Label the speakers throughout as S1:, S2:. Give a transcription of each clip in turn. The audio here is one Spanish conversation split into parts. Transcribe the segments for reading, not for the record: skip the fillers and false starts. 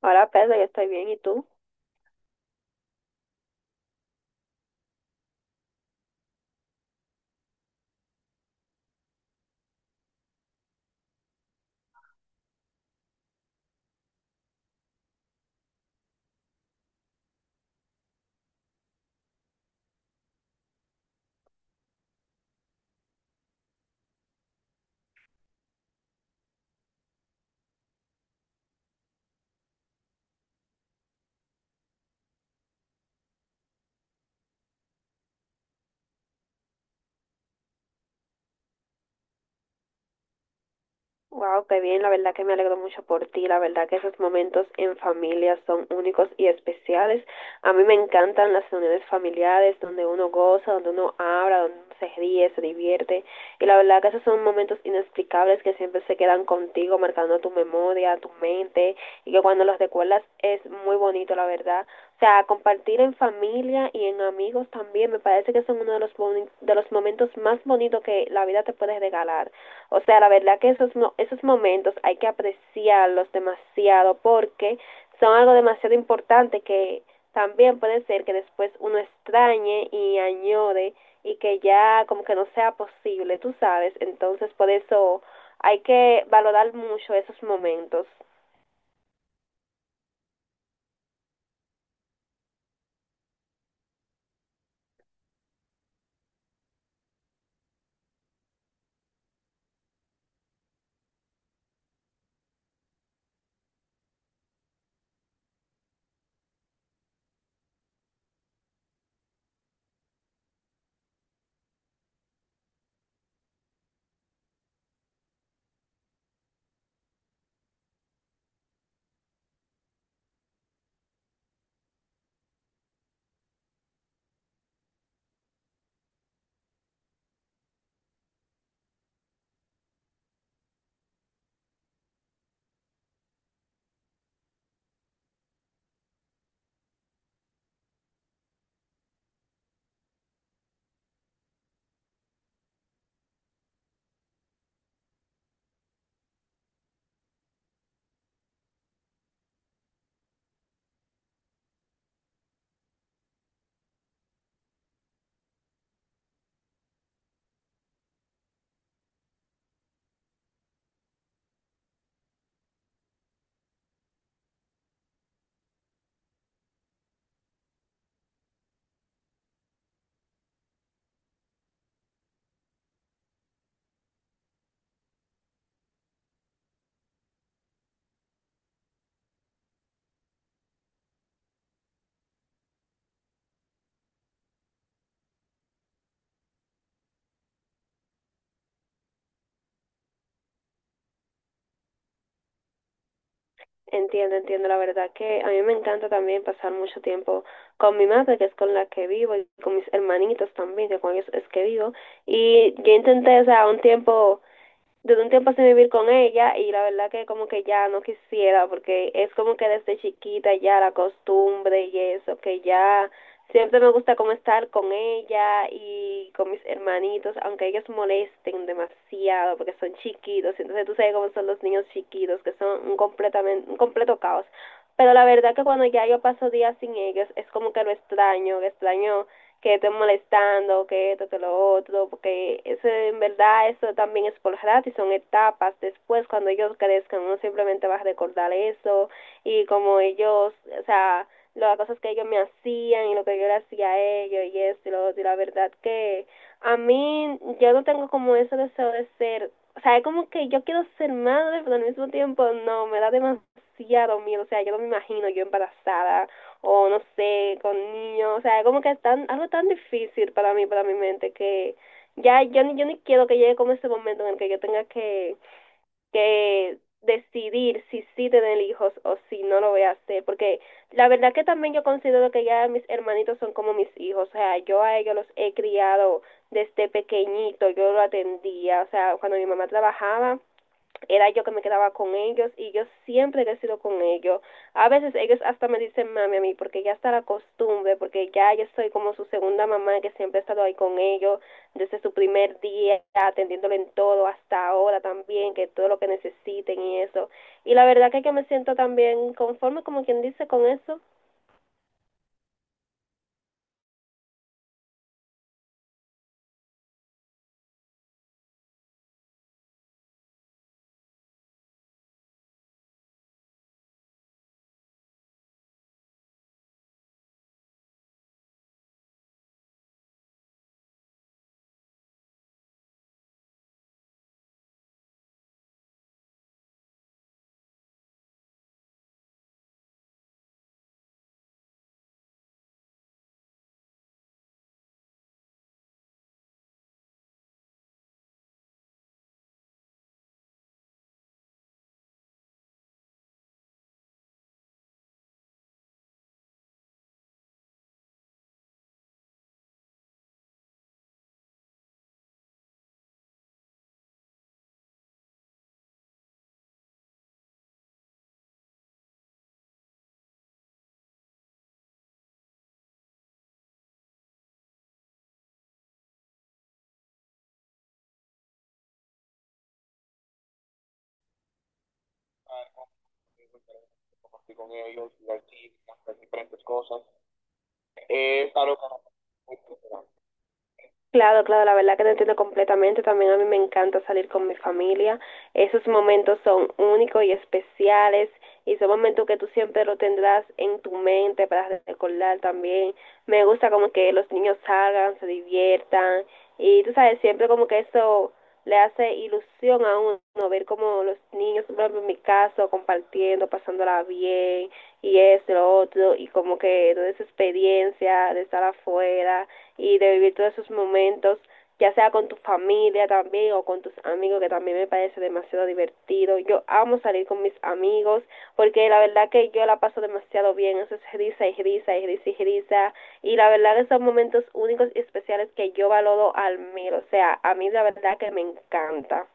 S1: Hola Pedro, yo estoy bien, ¿y tú? Wow, qué bien, la verdad que me alegro mucho por ti, la verdad que esos momentos en familia son únicos y especiales. A mí me encantan las reuniones familiares donde uno goza, donde uno habla, donde uno se ríe, se divierte y la verdad que esos son momentos inexplicables que siempre se quedan contigo, marcando tu memoria, tu mente y que cuando los recuerdas es muy bonito, la verdad. O sea, compartir en familia y en amigos también me parece que son uno de los, boni- de los momentos más bonitos que la vida te puede regalar. O sea, la verdad que esos, esos momentos hay que apreciarlos demasiado porque son algo demasiado importante que también puede ser que después uno extrañe y añore y que ya como que no sea posible, tú sabes. Entonces, por eso hay que valorar mucho esos momentos. Entiendo, entiendo. La verdad que a mí me encanta también pasar mucho tiempo con mi madre, que es con la que vivo, y con mis hermanitos también, que con ellos es que vivo. Y yo intenté, o sea, un tiempo duré un tiempo sin vivir con ella y la verdad que como que ya no quisiera porque es como que desde chiquita ya la costumbre y eso, que ya siempre me gusta como estar con ella y con mis hermanitos, aunque ellos molesten demasiado porque son chiquitos, entonces tú sabes cómo son los niños chiquitos, que son un, completamente, un completo caos. Pero la verdad que cuando ya yo paso días sin ellos, es como que lo extraño que esté molestando, que esto, que lo otro, porque eso en verdad eso también es por rato y son etapas. Después cuando ellos crezcan uno simplemente va a recordar eso y como ellos, o sea, las cosas que ellos me hacían y lo que yo le hacía a ellos y esto y lo otro. Y la verdad que a mí yo no tengo como ese deseo de ser, o sea, es como que yo quiero ser madre, pero al mismo tiempo no, me da demasiado miedo, o sea, yo no me imagino yo embarazada o no sé, con niños, o sea, como que es tan, algo tan difícil para mí, para mi mente, que ya yo ni quiero que llegue como ese momento en el que yo tenga que decidir si sí tener hijos o si no lo voy a hacer, porque la verdad que también yo considero que ya mis hermanitos son como mis hijos, o sea, yo a ellos los he criado desde pequeñito, yo lo atendía, o sea, cuando mi mamá trabajaba, era yo que me quedaba con ellos y yo siempre he sido con ellos. A veces ellos hasta me dicen mami a mí porque ya está la costumbre, porque ya yo soy como su segunda mamá que siempre he estado ahí con ellos desde su primer día, atendiéndole en todo hasta ahora también, que todo lo que necesiten y eso. Y la verdad que me siento también conforme como quien dice con eso. Claro, claro, la verdad que te entiendo completamente. También a mí me encanta salir con mi familia. Esos momentos son únicos y especiales y son momentos que tú siempre lo tendrás en tu mente para recordar también. Me gusta como que los niños salgan, se diviertan y tú sabes, siempre como que eso le hace ilusión a uno ver como los niños, por ejemplo, en mi caso, compartiendo, pasándola bien y eso, lo otro y como que toda esa experiencia de estar afuera y de vivir todos esos momentos, ya sea con tu familia también o con tus amigos, que también me parece demasiado divertido. Yo amo salir con mis amigos porque la verdad que yo la paso demasiado bien. Eso es risa y risa y risa y risa. Y la verdad que son momentos únicos y especiales que yo valoro al mil. O sea, a mí la verdad que me encanta.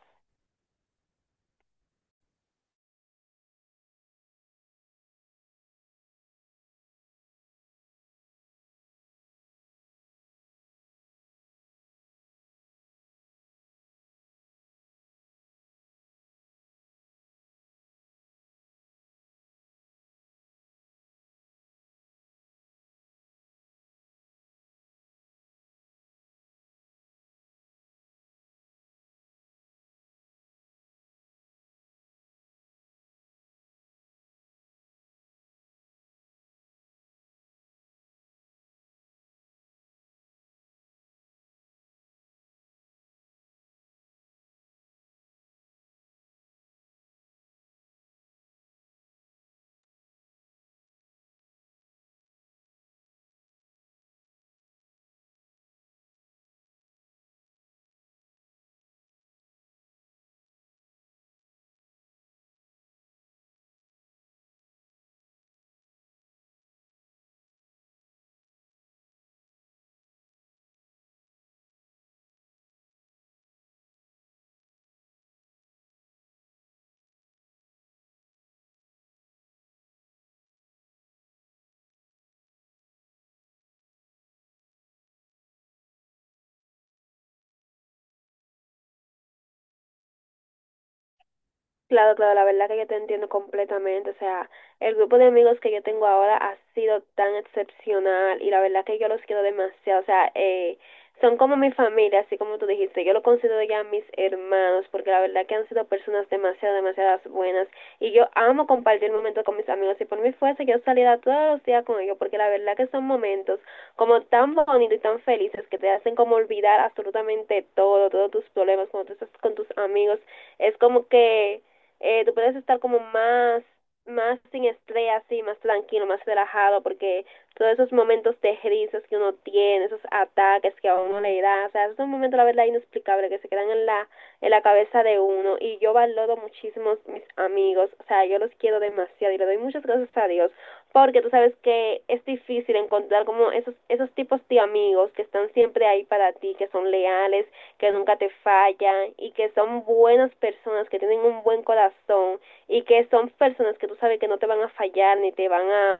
S1: Claro, claro, la verdad que yo te entiendo completamente. O sea, el grupo de amigos que yo tengo ahora ha sido tan excepcional y la verdad que yo los quiero demasiado. O sea, son como mi familia, así como tú dijiste. Yo lo considero ya mis hermanos porque la verdad que han sido personas demasiado, demasiadas buenas y yo amo compartir momentos con mis amigos. Si por mí fuese, yo saliera todos los días con ellos porque la verdad que son momentos como tan bonitos y tan felices que te hacen como olvidar absolutamente todo, todos tus problemas cuando tú estás con tus amigos. Es como que tú puedes estar como más, más sin estrés, así, más tranquilo, más relajado, porque todos esos momentos de risas que uno tiene, esos ataques que a uno le da, o sea, es un momento, la verdad, inexplicable, que se quedan en la cabeza de uno, y yo valoro muchísimo mis amigos, o sea, yo los quiero demasiado, y le doy muchas gracias a Dios, porque tú sabes que es difícil encontrar como esos, esos tipos de amigos que están siempre ahí para ti, que son leales, que nunca te fallan y que son buenas personas, que tienen un buen corazón y que son personas que tú sabes que no te van a fallar ni te van a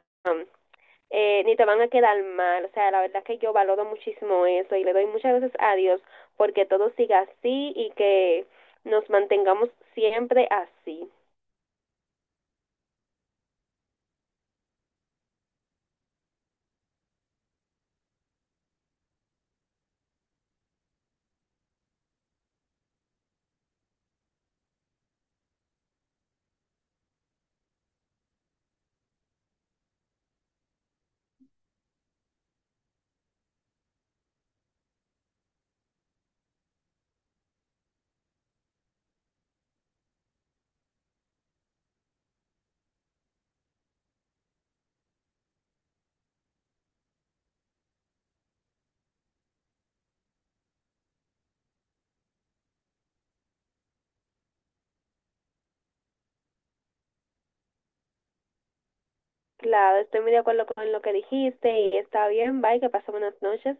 S1: ni te van a quedar mal. O sea, la verdad que yo valoro muchísimo eso y le doy muchas gracias a Dios porque todo siga así y que nos mantengamos siempre así. Claro, estoy muy de acuerdo con lo que dijiste y está bien, bye, que pasen buenas noches.